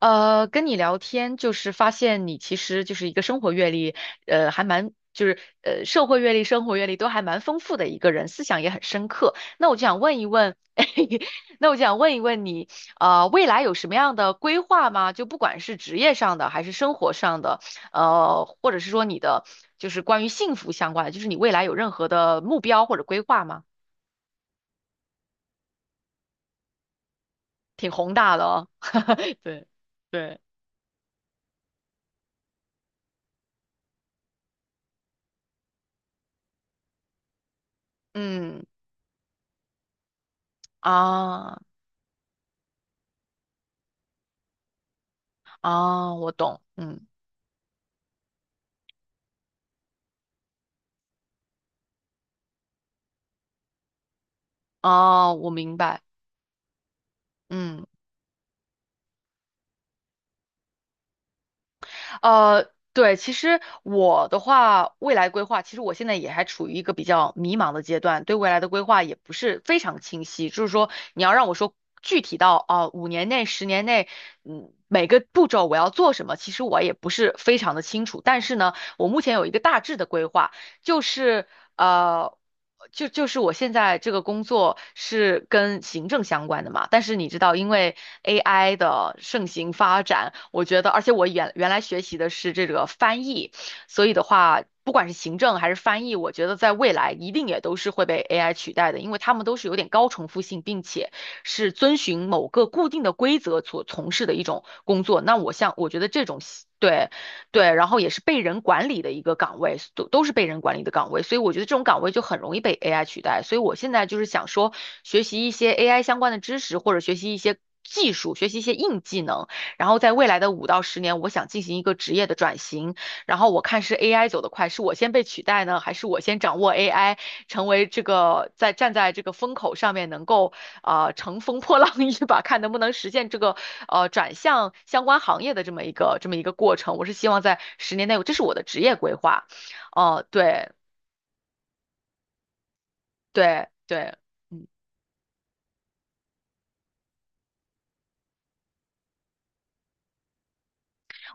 跟你聊天就是发现你其实就是一个生活阅历，还蛮社会阅历、生活阅历都还蛮丰富的一个人，思想也很深刻。那我就想问一问，那我就想问一问你，未来有什么样的规划吗？就不管是职业上的还是生活上的，或者是说你的关于幸福相关的，就是你未来有任何的目标或者规划吗？挺宏大的哦，对对，嗯啊。哦，我懂，嗯，哦，我明白，嗯，对，其实我的话，未来规划，其实我现在也还处于一个比较迷茫的阶段，对未来的规划也不是非常清晰。就是说，你要让我说具体到啊，五年内、十年内，每个步骤我要做什么，其实我也不是非常的清楚。但是呢，我目前有一个大致的规划，就是。呃，就是我现在这个工作是跟行政相关的嘛，但是你知道，因为 AI 的盛行发展，我觉得，而且我原来学习的是这个翻译，所以的话，不管是行政还是翻译，我觉得在未来一定也都是会被 AI 取代的，因为他们都是有点高重复性，并且是遵循某个固定的规则所从事的一种工作。那我像，我觉得这种。对，对，然后也是被人管理的一个岗位，都是被人管理的岗位，所以我觉得这种岗位就很容易被 AI 取代。所以我现在就是想说，学习一些 AI 相关的知识，或者学习一些技术，学习一些硬技能，然后在未来的5到10年，我想进行一个职业的转型。然后我看是 AI 走得快，是我先被取代呢，还是我先掌握 AI，成为这个站在这个风口上面能够啊，乘风破浪一把，看能不能实现这个转向相关行业的这么一个过程。我是希望在十年内，这是我的职业规划。哦、对对对，嗯。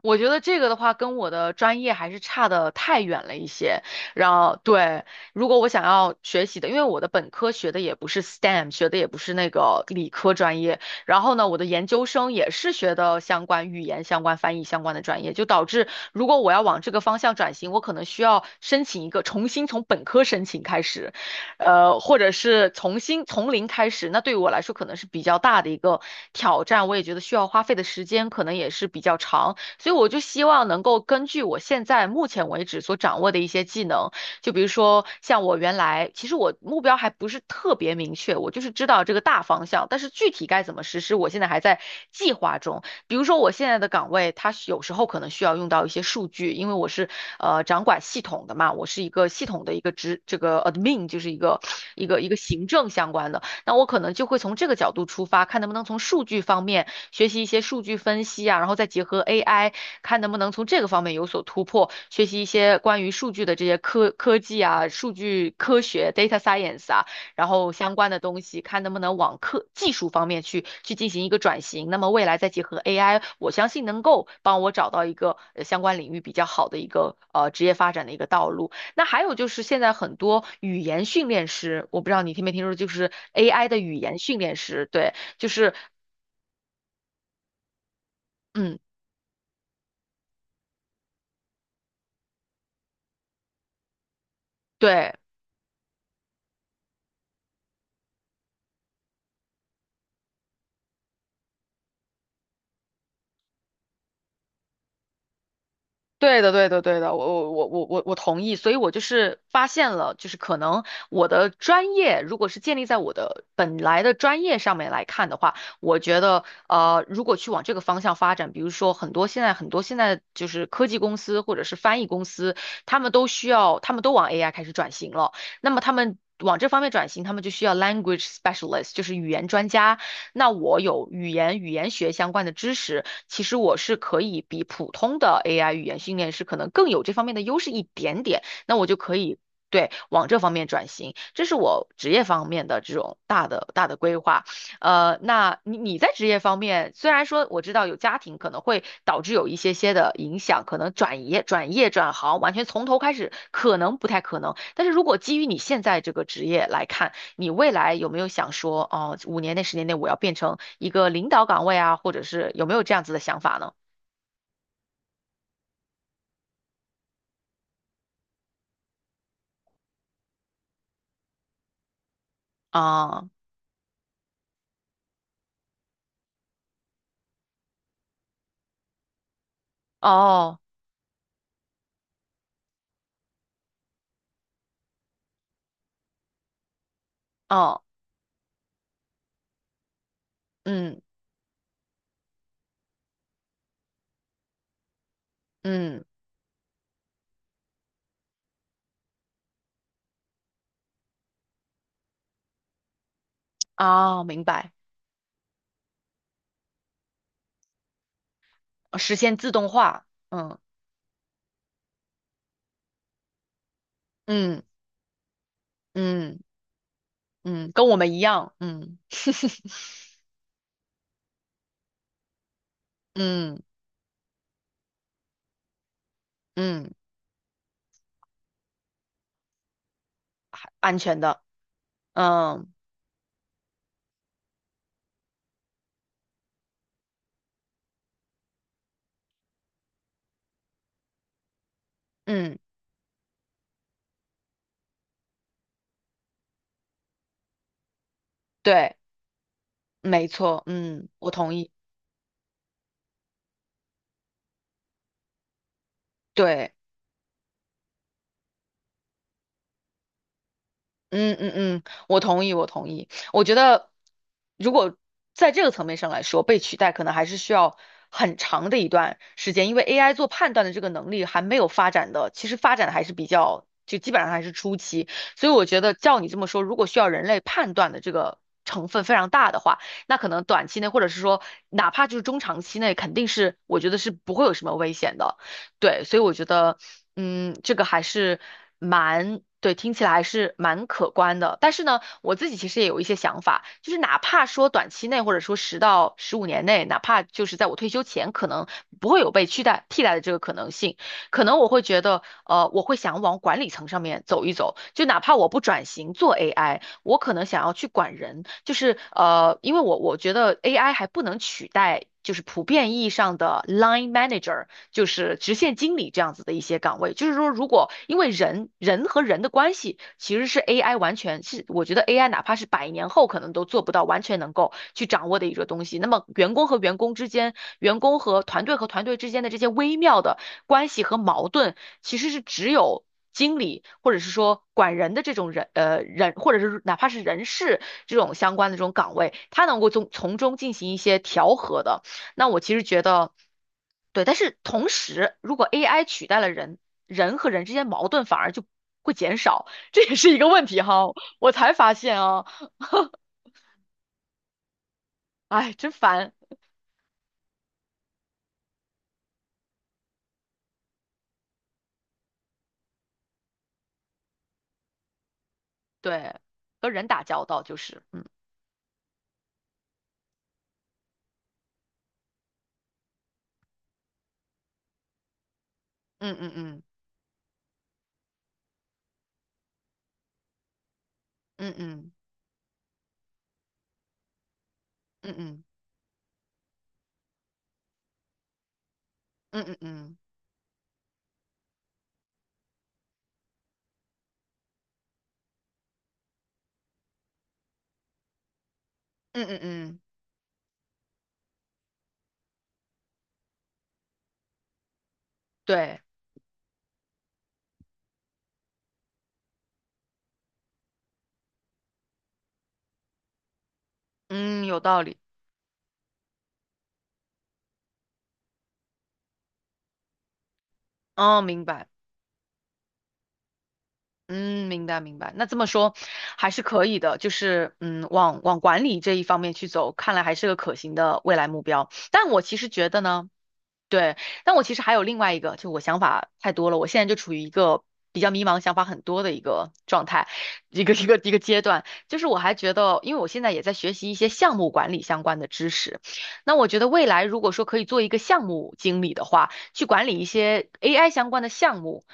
我觉得这个的话，跟我的专业还是差的太远了一些。然后，对，如果我想要学习的，因为我的本科学的也不是 STEM，学的也不是那个理科专业。然后呢，我的研究生也是学的相关语言、相关翻译、相关的专业，就导致如果我要往这个方向转型，我可能需要申请一个重新从本科申请开始，或者是重新从零开始。那对于我来说，可能是比较大的一个挑战，我也觉得需要花费的时间可能也是比较长。所以我就希望能够根据我现在目前为止所掌握的一些技能，就比如说像我原来，其实我目标还不是特别明确，我就是知道这个大方向，但是具体该怎么实施，我现在还在计划中。比如说我现在的岗位，它有时候可能需要用到一些数据，因为我是掌管系统的嘛，我是一个系统的一个职，这个 admin 就是一个行政相关的。那我可能就会从这个角度出发，看能不能从数据方面学习一些数据分析啊，然后再结合 AI，看能不能从这个方面有所突破，学习一些关于数据的这些科技啊、数据科学 data science 啊，然后相关的东西，看能不能往科技术方面去进行一个转型。那么未来再结合 AI，我相信能够帮我找到一个相关领域比较好的一个职业发展的一个道路。那还有就是现在很多语言训练师，我不知道你听没听说，就是 AI 的语言训练师，对，就是嗯，对，对的，对的，对的，我同意，所以我就是发现了，就是可能我的专业如果是建立在我的本来的专业上面来看的话，我觉得如果去往这个方向发展，比如说很多现在就是科技公司或者是翻译公司，他们都需要，他们都往 AI 开始转型了，那么他们。往这方面转型，他们就需要 language specialist，就是语言专家那我有语言学相关的知识，其实我是可以比普通的 AI 语言训练师可能更有这方面的优势一点点，那我就可以。对，往这方面转型，这是我职业方面的这种大的规划。那你在职业方面，虽然说我知道有家庭可能会导致有一些些的影响，可能转行，完全从头开始可能不太可能。但是如果基于你现在这个职业来看，你未来有没有想说，哦，五年内、十年内我要变成一个领导岗位啊，或者是有没有这样子的想法呢？啊，哦，哦，嗯，嗯，啊，明白，实现自动化，嗯，嗯，嗯，嗯，跟我们一样，嗯，嗯，嗯，安全的，嗯，嗯，对，没错，嗯，我同意，对。嗯嗯嗯，我同意，我同意。我觉得，如果在这个层面上来说，被取代可能还是需要很长的一段时间，因为 AI 做判断的这个能力还没有发展的，其实发展的还是比较，就基本上还是初期。所以我觉得，照你这么说，如果需要人类判断的这个成分非常大的话，那可能短期内，或者是说哪怕就是中长期内，肯定是我觉得是不会有什么危险的。对，所以我觉得，嗯，这个还是蛮，对，听起来还是蛮可观的。但是呢，我自己其实也有一些想法，就是哪怕说短期内，或者说10到15年内，哪怕就是在我退休前，可能不会有被取代替代的这个可能性，可能我会觉得，我会想往管理层上面走一走，就哪怕我不转型做 AI，我可能想要去管人，就是因为我觉得 AI 还不能取代。就是普遍意义上的 line manager，就是直线经理这样子的一些岗位。就是说，如果因为人和人的关系，其实是 AI 完全是，我觉得 AI 哪怕是100年后可能都做不到完全能够去掌握的一个东西。那么，员工和员工之间，员工和团队之间的这些微妙的关系和矛盾，其实是只有经理或者是说管人的这种人，或者是哪怕是人事这种相关的这种岗位，他能够从中进行一些调和的。那我其实觉得，对，但是同时，如果 AI 取代了人，人和人之间矛盾反而就会减少，这也是一个问题哈。我才发现啊，哎，真烦。对，和人打交道就是，嗯嗯嗯嗯嗯嗯嗯嗯嗯嗯嗯嗯嗯，对。嗯，有道理。哦，明白。嗯，明白明白。那这么说还是可以的，就是往管理这一方面去走，看来还是个可行的未来目标。但我其实觉得呢。对，但我其实还有另外一个，就我想法太多了，我现在就处于一个比较迷茫、想法很多的一个状态，一个阶段。就是我还觉得，因为我现在也在学习一些项目管理相关的知识，那我觉得未来如果说可以做一个项目经理的话，去管理一些 AI 相关的项目。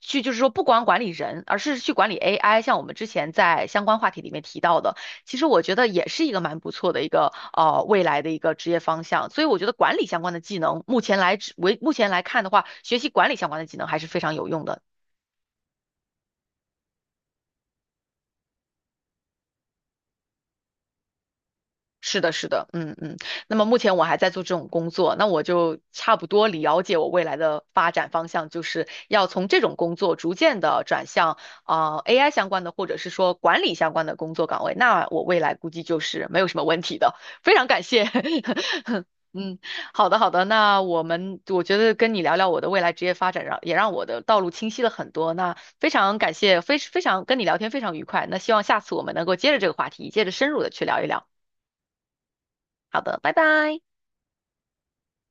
去就是说，不光管理人，而是去管理 AI。像我们之前在相关话题里面提到的，其实我觉得也是一个蛮不错的一个未来的一个职业方向。所以我觉得管理相关的技能，目前来看的话，学习管理相关的技能还是非常有用的。是的，是的，嗯嗯。那么目前我还在做这种工作，那我就差不多了解我未来的发展方向，就是要从这种工作逐渐的转向AI 相关的，或者是说管理相关的工作岗位。那我未来估计就是没有什么问题的。非常感谢，嗯，好的好的。那我觉得跟你聊聊我的未来职业发展，让也让我的道路清晰了很多。那非常感谢，非常跟你聊天非常愉快。那希望下次我们能够接着这个话题，接着深入的去聊一聊。好的，拜拜。